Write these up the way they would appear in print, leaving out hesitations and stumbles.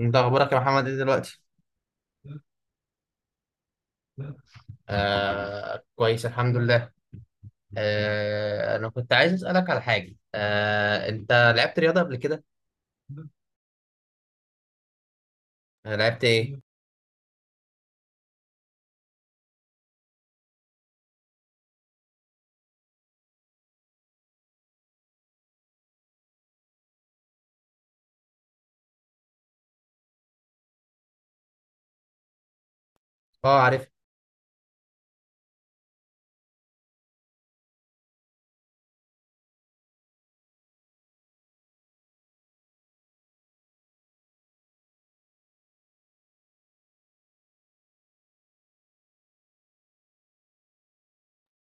انت اخبارك يا محمد ايه دلوقتي؟ كويس الحمد لله. انا كنت عايز اسالك على حاجه، انت لعبت رياضه قبل كده؟ لعبت ايه؟ اه عارف.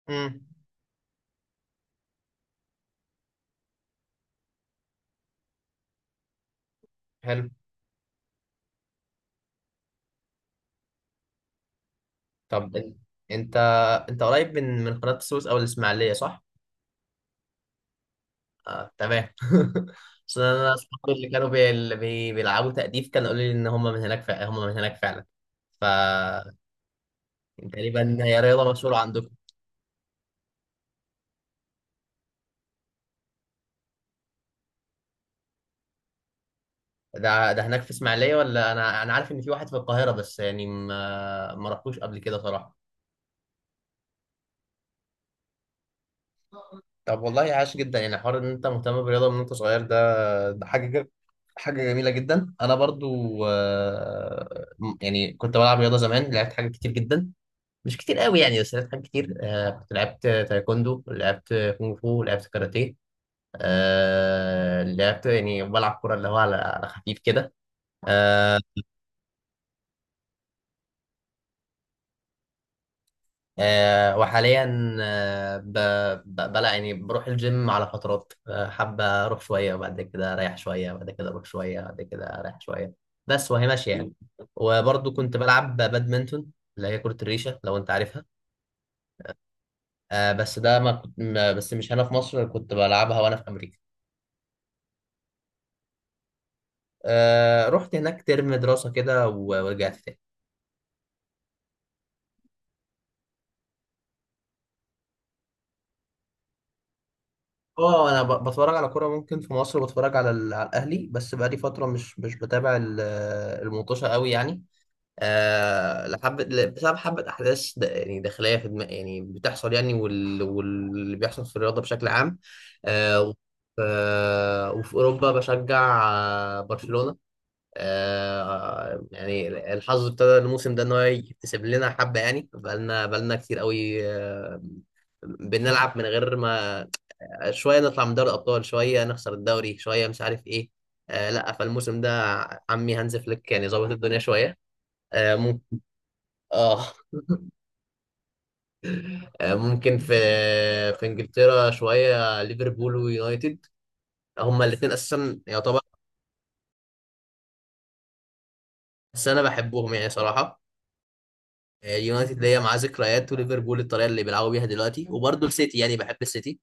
امم. حلو. طب ان- انت انت قريب من قناه السويس او الاسماعيليه، صح؟ آه تمام. اصل انا اصحابي اللي كانوا بي... اللي بي... بيلعبوا تأديف كانوا قالوا لي ان هم من هناك فعلا، هم من هناك فعلا. ف تقريبا هي رياضه مشهوره. ده هناك في اسماعيليه، ولا انا عارف ان في واحد في القاهره بس، يعني ما رحتوش قبل كده صراحه. طب والله عاش جدا، يعني حوار ان انت مهتم بالرياضه من وانت صغير ده، ده حاجه جد. حاجة جميلة جدا. أنا برضو يعني كنت بلعب رياضة زمان، لعبت حاجات كتير جدا، مش كتير قوي يعني، بس لعبت حاجات كتير. كنت لعبت تايكوندو، لعبت كونغ فو، لعبت كاراتيه. لعبت يعني بلعب كرة اللي هو على خفيف كده. آه، وحاليا، آه، ب... ب... بلا يعني بروح الجيم على فترات. حابة أروح شوية وبعد كده أريح شوية، وبعد كده أروح شوية وبعد كده أريح شوية، بس وهي ماشية يعني. وبرضه كنت بلعب بادمنتون، اللي هي كرة الريشة، لو أنت عارفها. بس ده ما كنت ما- بس مش هنا في مصر كنت بلعبها، وأنا في أمريكا. رحت هناك ترم دراسة كده ورجعت تاني. اه انا بتفرج على كوره، ممكن في مصر بتفرج على الاهلي، بس بقالي فتره مش بتابع الموتوشه قوي يعني. آه لحب... بسبب حبة يعني داخلية في دماغ يعني بتحصل يعني، واللي بيحصل في الرياضة بشكل عام. آه وف- وفي أوروبا بشجع برشلونة. يعني الحظ ابتدى الموسم ده إن هو يكتسب لنا حبة، يعني بقالنا كتير قوي. بنلعب من غير ما، شوية نطلع من دوري الأبطال، شوية نخسر الدوري، شوية مش عارف إيه. لا، فالموسم ده عمي هانز فليك يعني ظابط الدنيا شوية. آه، اه. ممكن في، في انجلترا شويه ليفربول ويونايتد، هما الاثنين اساسا يعتبر، بس انا بحبهم يعني صراحه. اليونايتد اللي هي معاه ذكريات، وليفربول الطريقه اللي بيلعبوا بيها دلوقتي، وبرضه السيتي يعني بحب السيتي.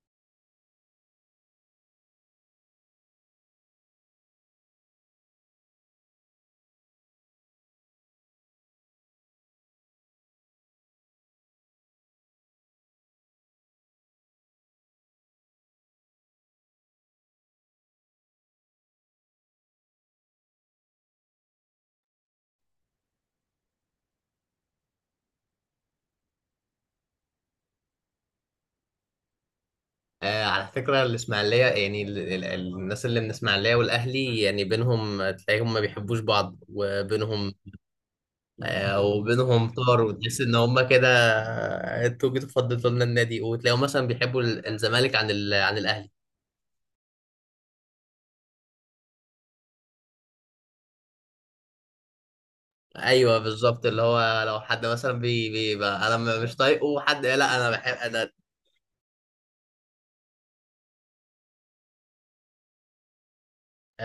على فكره الاسماعيليه يعني الناس اللي من الاسماعيليه والاهلي يعني بينهم، تلاقيهم ما بيحبوش بعض وبينهم. وبينهم طار، وتحس ان هم كده. انتوا جيتوا فضلتوا لنا النادي، وتلاقيهم مثلا بيحبوا الزمالك عن الاهلي. ايوه بالظبط، اللي هو لو حد مثلا بيبقى انا مش طايقه حد، لا انا بحب انا.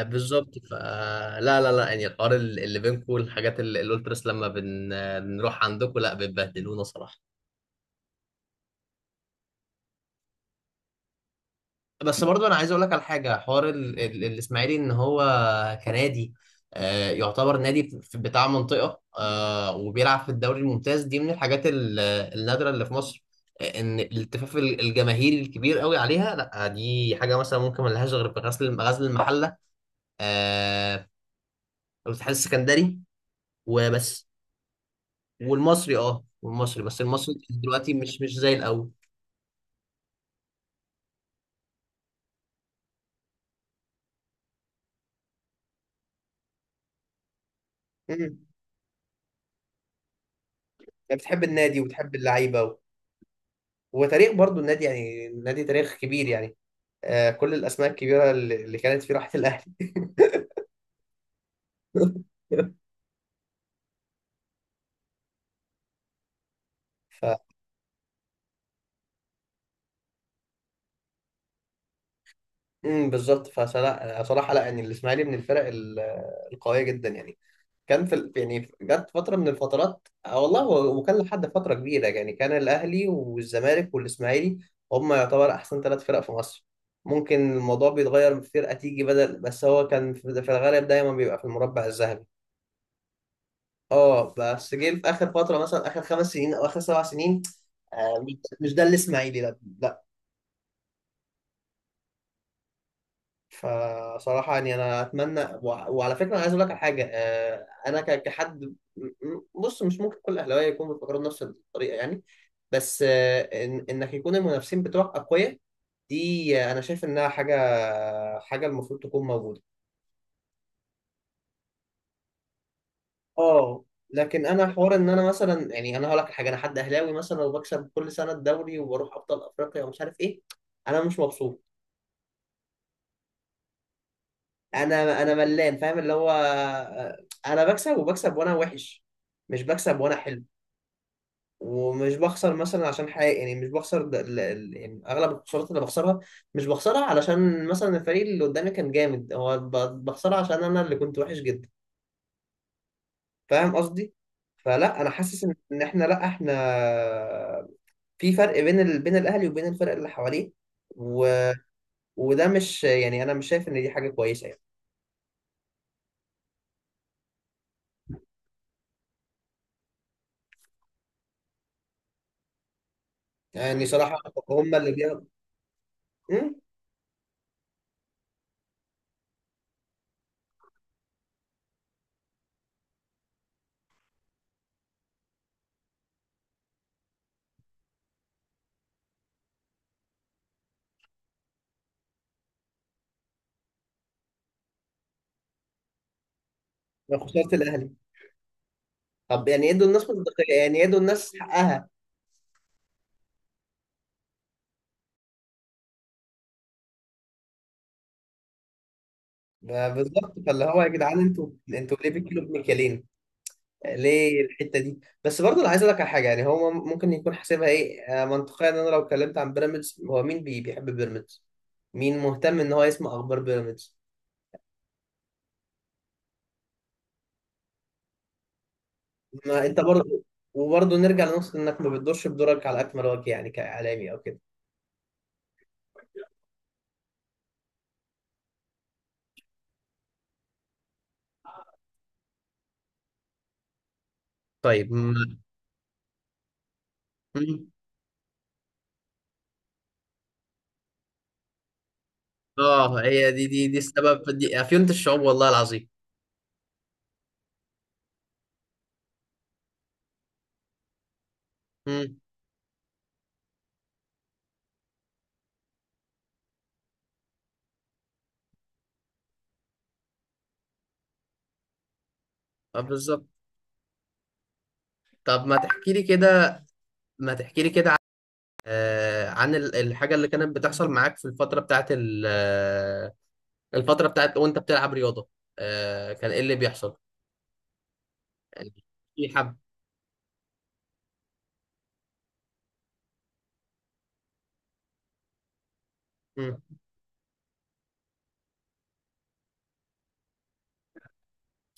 بالظبط. فلا لا لا لا، يعني الحوار اللي بينكم، الحاجات اللي قلت بس لما بن... بنروح عندكم لا بتبهدلونا صراحه. بس برضو انا عايز اقول لك على حاجه، حوار الاسماعيلي ان هو كنادي، يعتبر نادي بتاع منطقه، وبيلعب في الدوري الممتاز، دي من الحاجات النادره اللي في مصر. ان الالتفاف الجماهيري الكبير قوي عليها، لا دي حاجه مثلا ممكن ما لهاش غير في غزل المحله، آه، والاتحاد السكندري وبس. والمصري، اه والمصري، بس المصري دلوقتي مش زي الاول. امم. بتحب النادي وبتحب اللعيبه وتاريخ برضو النادي، يعني النادي تاريخ كبير يعني. كل الاسماء الكبيره اللي كانت في راحه الاهلي. ف بالظبط. فصراحه لا يعني الاسماعيلي من الفرق القويه جدا يعني. كان في يعني جت فتره من الفترات، والله وكان لحد فتره كبيره يعني، كان الاهلي والزمالك والاسماعيلي هم يعتبر احسن ثلاث فرق في مصر. ممكن الموضوع بيتغير فرقه تيجي بدل، بس هو كان في الغالب دايما بيبقى في المربع الذهبي. اه، بس جه في اخر فتره مثلا اخر خمس سنين او اخر سبع سنين، آه، مش مش ده الاسماعيلي لا. فصراحة يعني أنا أتمنى، وعلى فكرة أنا عايز أقول لك على حاجة. أنا كحد بص مش ممكن كل أهلاوية يكونوا بيفكروا بنفس الطريقة يعني، بس إن إنك يكون المنافسين بتوعك أقوياء دي، أنا شايف إنها حاجة، حاجة المفروض تكون موجودة. اه لكن أنا حوار إن أنا مثلا، يعني أنا هقول لك على حاجة: أنا حد أهلاوي مثلا، وبكسب كل سنة الدوري وبروح أبطال أفريقيا ومش عارف إيه، أنا مش مبسوط. انا ملان فاهم اللي هو انا بكسب وبكسب وانا وحش، مش بكسب وانا حلو. ومش بخسر مثلا عشان حاجه، يعني مش بخسر يعني اغلب الخسارات اللي بخسرها مش بخسرها علشان مثلا الفريق اللي قدامي كان جامد، هو بخسرها عشان انا اللي كنت وحش جدا. فاهم قصدي؟ فلا انا حاسس ان احنا، لا احنا في فرق بين بين الاهلي وبين الفرق اللي حواليه، و... وده مش، يعني انا مش شايف ان دي حاجه كويسه يعني. يعني صراحه هم اللي بياخدوا. أنا خسرت الاهلي. طب يعني يدوا الناس مصداقيه، يعني يدوا الناس حقها. ما بالظبط، فاللي هو يا جدعان انتوا ليه بتكيلوا بمكيالين؟ ليه الحته دي؟ بس برضه انا عايز اقول لك على حاجه، يعني هو ممكن يكون حاسبها ايه منطقيا ان انا لو اتكلمت عن بيراميدز، هو مين بيحب بيراميدز؟ مين مهتم ان هو يسمع اخبار بيراميدز؟ ما انت برضه، وبرضه نرجع لنقطه انك ما بتدورش بدورك على اكمل وجه يعني كاعلامي او كده. طيب م- م- اه هي دي السبب، دي افيونة الشعوب والله العظيم. امم بالظبط. طب ما تحكي لي كده، ما تحكي لي كده عن عن الحاجة اللي كانت بتحصل معاك في الفترة بتاعت ال- آه، الفترة بتاعت وانت بتلعب رياضة. كان ايه اللي بيحصل يعني؟ في حب؟ مم.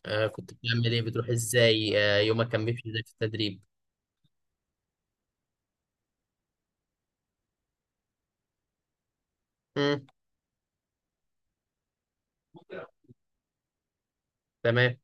كنت بتعمل ايه؟ بتروح ازاي؟ يومك كان بيمشي ازاي في التدريب؟ مم. تمام.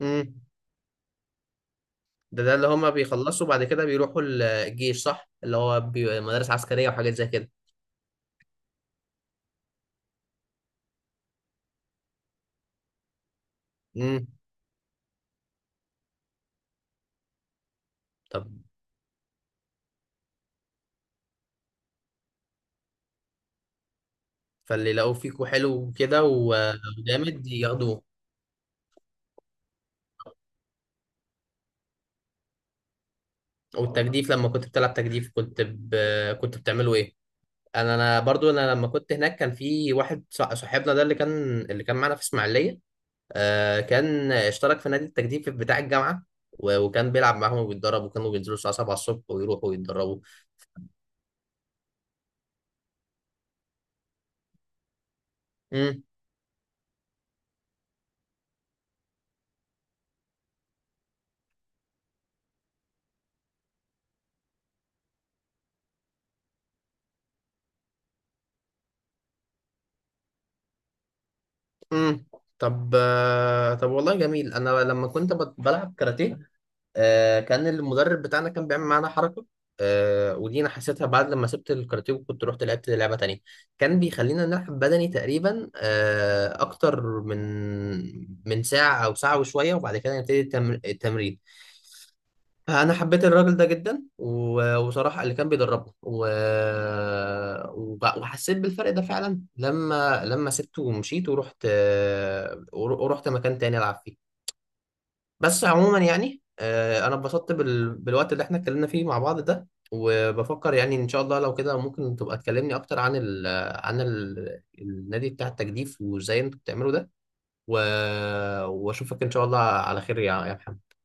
مم. ده اللي هما بيخلصوا بعد كده بيروحوا الجيش صح، اللي هو مدارس عسكرية وحاجات زي كده؟ مم. طب، فاللي لقوه فيكوا حلو وكده وجامد ياخدوه. والتجديف لما كنت بتلعب تجديف، كنت بتعمله ايه؟ انا برضو انا لما كنت هناك كان في واحد صاحبنا ده اللي كان معانا في اسماعيليه، آه كان اشترك في نادي التجديف بتاع الجامعه، وكان بيلعب معاهم وبيتدرب، وكانوا بينزلوا الساعه 7 الصبح ويروحوا ويتدربوا. امم. امم. طب والله جميل. انا لما بلعب كاراتيه، كان المدرب بتاعنا كان بيعمل معانا حركة، ودي أنا حسيتها بعد لما سبت الكاراتيه وكنت رحت لعبت لعبة تانية، كان بيخلينا نلعب بدني تقريبا أكتر من، ساعة أو ساعة وشوية، وبعد كده التمرين. فأنا حبيت الراجل ده جدا، وصراحة اللي كان بيدربنا، وحسيت بالفرق ده فعلا لما، سبته ومشيت ورحت ورحت مكان تاني ألعب فيه. بس عموما يعني، انا اتبسطت بالوقت اللي احنا اتكلمنا فيه مع بعض ده، وبفكر يعني ان شاء الله لو كده ممكن تبقى تكلمني اكتر عن النادي بتاع التجديف، وازاي انتوا بتعملوا ده، و... واشوفك ان شاء الله على خير يا محمد.